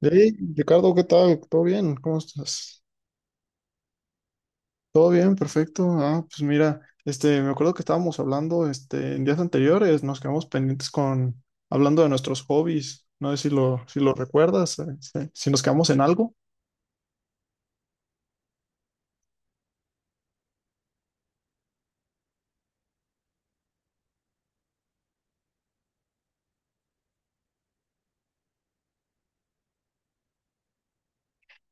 Hey, Ricardo, ¿qué tal? ¿Todo bien? ¿Cómo estás? Todo bien, perfecto. Ah, pues mira, me acuerdo que estábamos hablando, en días anteriores, nos quedamos pendientes con hablando de nuestros hobbies. No sé si lo recuerdas, si nos quedamos en algo.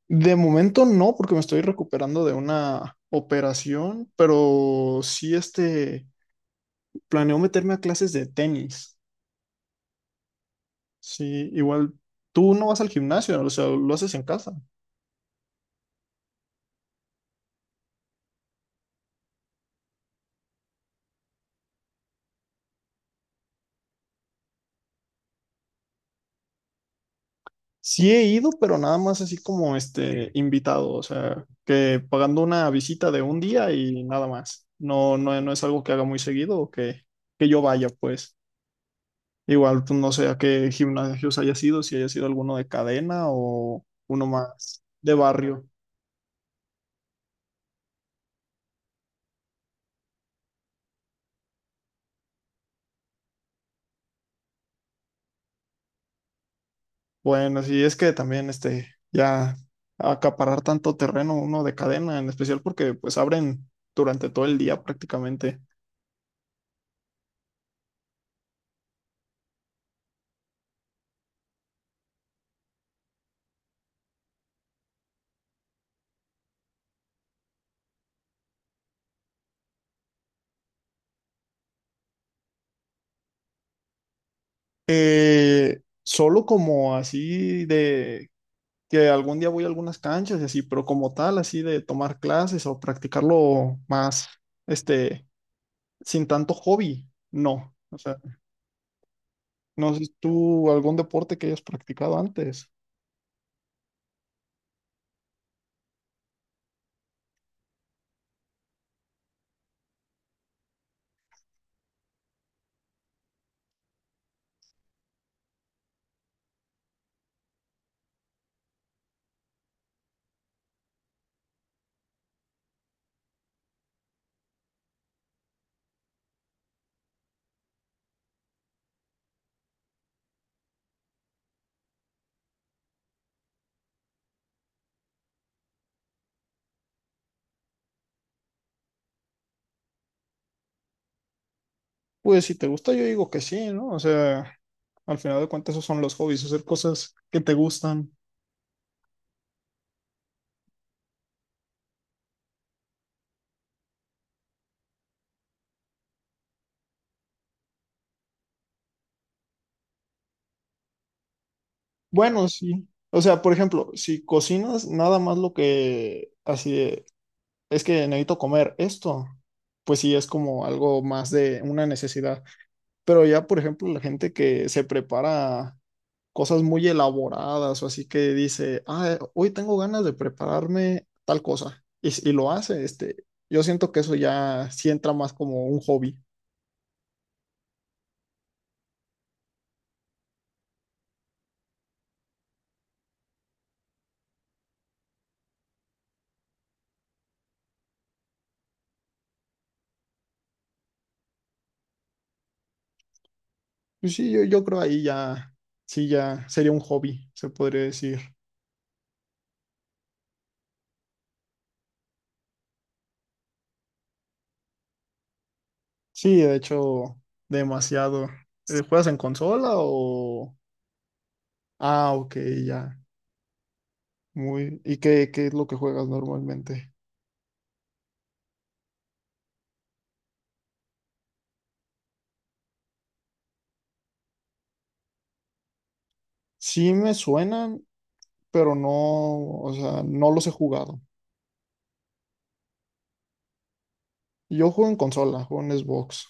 De momento no, porque me estoy recuperando de una operación, pero sí, planeo meterme a clases de tenis. Sí, igual tú no vas al gimnasio, o sea, lo haces en casa. Sí he ido, pero nada más así como este invitado, o sea, que pagando una visita de un día y nada más. No, no, no es algo que haga muy seguido que yo vaya, pues. Igual, pues, no sé a qué gimnasios haya sido, si haya sido alguno de cadena o uno más de barrio. Bueno, sí, es que también ya acaparar tanto terreno uno de cadena, en especial porque pues abren durante todo el día prácticamente. Eh, Solo como así de que algún día voy a algunas canchas y así, pero como tal, así de tomar clases o practicarlo más, este, sin tanto hobby, no. O sea, no sé tú algún deporte que hayas practicado antes. Pues si te gusta, yo digo que sí, ¿no? O sea, al final de cuentas, esos son los hobbies, hacer cosas que te gustan. Bueno, sí. O sea, por ejemplo, si cocinas nada más lo que así es que necesito comer esto, pues sí es como algo más de una necesidad. Pero ya, por ejemplo, la gente que se prepara cosas muy elaboradas o así que dice, ah, hoy tengo ganas de prepararme tal cosa y lo hace, yo siento que eso ya sí entra más como un hobby. Pues sí, yo creo ahí ya, sí, ya sería un hobby, se podría decir. Sí, de hecho, demasiado. ¿Juegas en consola o...? Ah, ok, ya. Muy, ¿y qué es lo que juegas normalmente? Sí me suenan, pero no, o sea, no los he jugado. Yo juego en consola, juego en Xbox.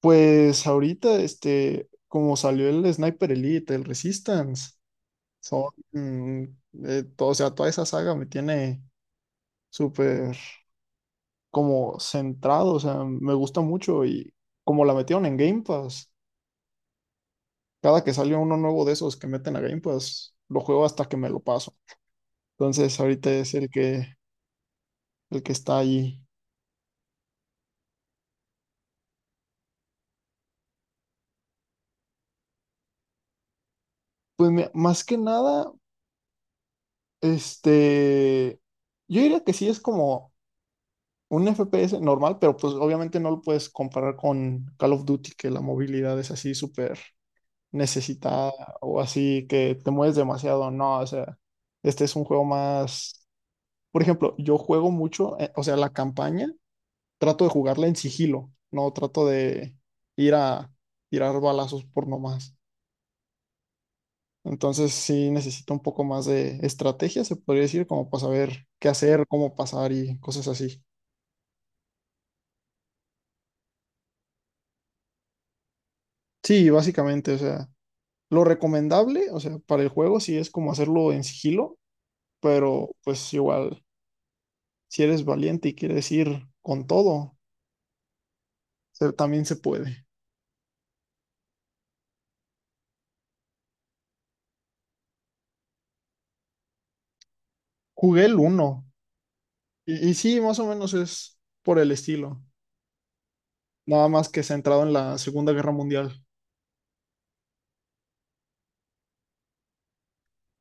Pues ahorita, como salió el Sniper Elite, el Resistance, son, o sea, toda esa saga me tiene súper como centrado, o sea, me gusta mucho y como la metieron en Game Pass, cada que sale uno nuevo de esos que meten a Game Pass, lo juego hasta que me lo paso. Entonces, ahorita es el que está allí. Pues mi- más que nada, este, yo diría que sí es como un FPS normal, pero pues obviamente no lo puedes comparar con Call of Duty, que la movilidad es así súper necesitada o así que te mueves demasiado. No, o sea, este es un juego más, por ejemplo, yo juego mucho, o sea, la campaña, trato de jugarla en sigilo, no trato de ir a tirar balazos por nomás. Entonces sí necesita un poco más de estrategia, se podría decir, como para saber qué hacer, cómo pasar y cosas así. Sí, básicamente, o sea, lo recomendable, o sea, para el juego sí es como hacerlo en sigilo, pero pues igual, si eres valiente y quieres ir con todo, se- también se puede. Jugué el uno y sí, más o menos es por el estilo, nada más que centrado en la Segunda Guerra Mundial.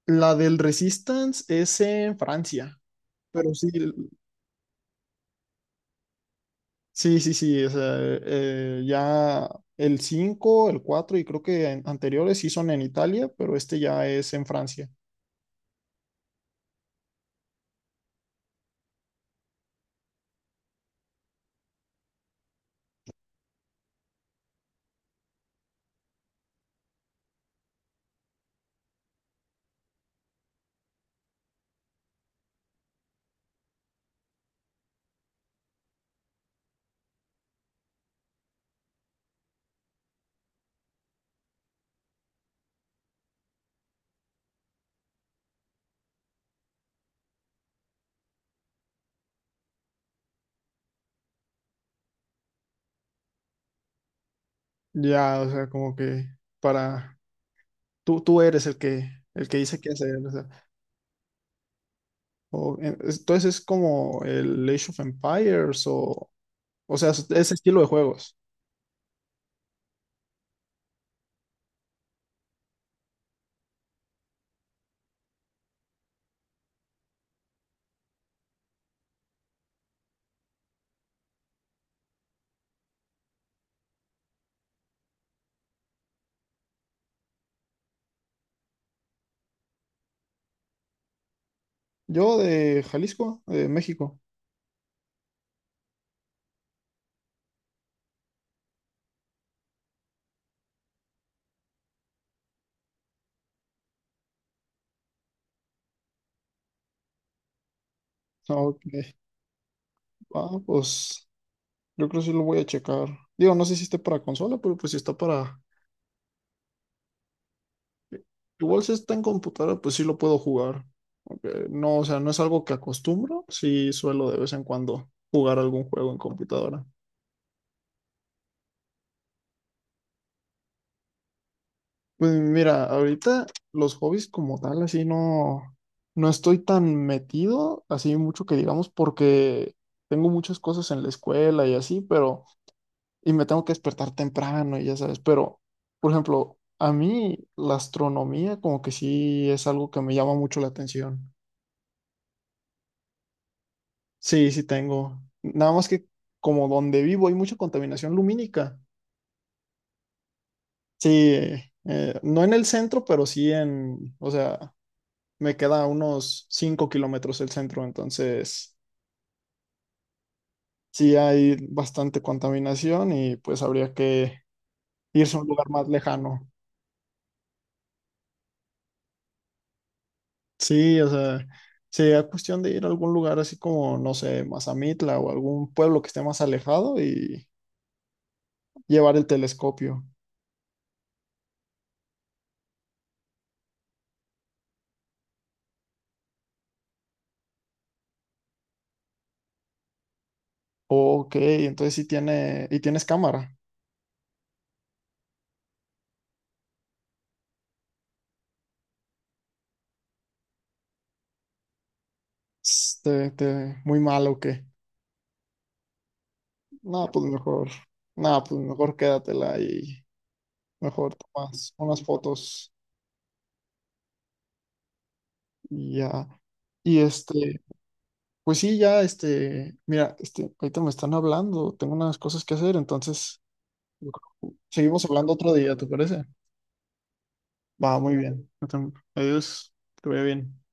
La del Resistance es en Francia, pero sí, Sí, sí, sí, o sea, ya el 5 el 4 y creo que an- anteriores sí son en Italia, pero este ya es en Francia. Ya, o sea, como que para tú eres el que dice qué hacer, o sea, o- en- es- entonces es como el Age of Empires o sea, es- ese estilo de juegos. Yo de Jalisco, de México. Ok. Ah, pues yo creo que sí lo voy a checar. Digo, no sé si esté para consola, pero pues si está para igual si está en computadora, pues sí lo puedo jugar. No, o sea, no es algo que acostumbro, sí suelo de vez en cuando jugar algún juego en computadora. Pues mira, ahorita los hobbies como tal, así no, no estoy tan metido, así mucho que digamos, porque tengo muchas cosas en la escuela y así, pero, y me tengo que despertar temprano y ya sabes, pero, por ejemplo, a mí la astronomía como que sí es algo que me llama mucho la atención. Sí, sí tengo. Nada más que como donde vivo hay mucha contaminación lumínica. Sí, no en el centro, pero sí en, o sea, me queda a unos 5 kilómetros el centro, entonces sí hay bastante contaminación y pues habría que irse a un lugar más lejano. Sí, o sea, sería cuestión de ir a algún lugar así como, no sé, Mazamitla o algún pueblo que esté más alejado y llevar el telescopio. Ok, entonces sí tiene, y tienes cámara. Muy malo, ok. No, pues mejor. No, pues mejor quédatela y mejor tomas unas fotos y ya. Y este, pues sí, ya, mira, ahorita me están hablando, tengo unas cosas que hacer, entonces yo creo que seguimos hablando otro día, ¿te parece? Va, muy bien. Adiós, que vaya bien.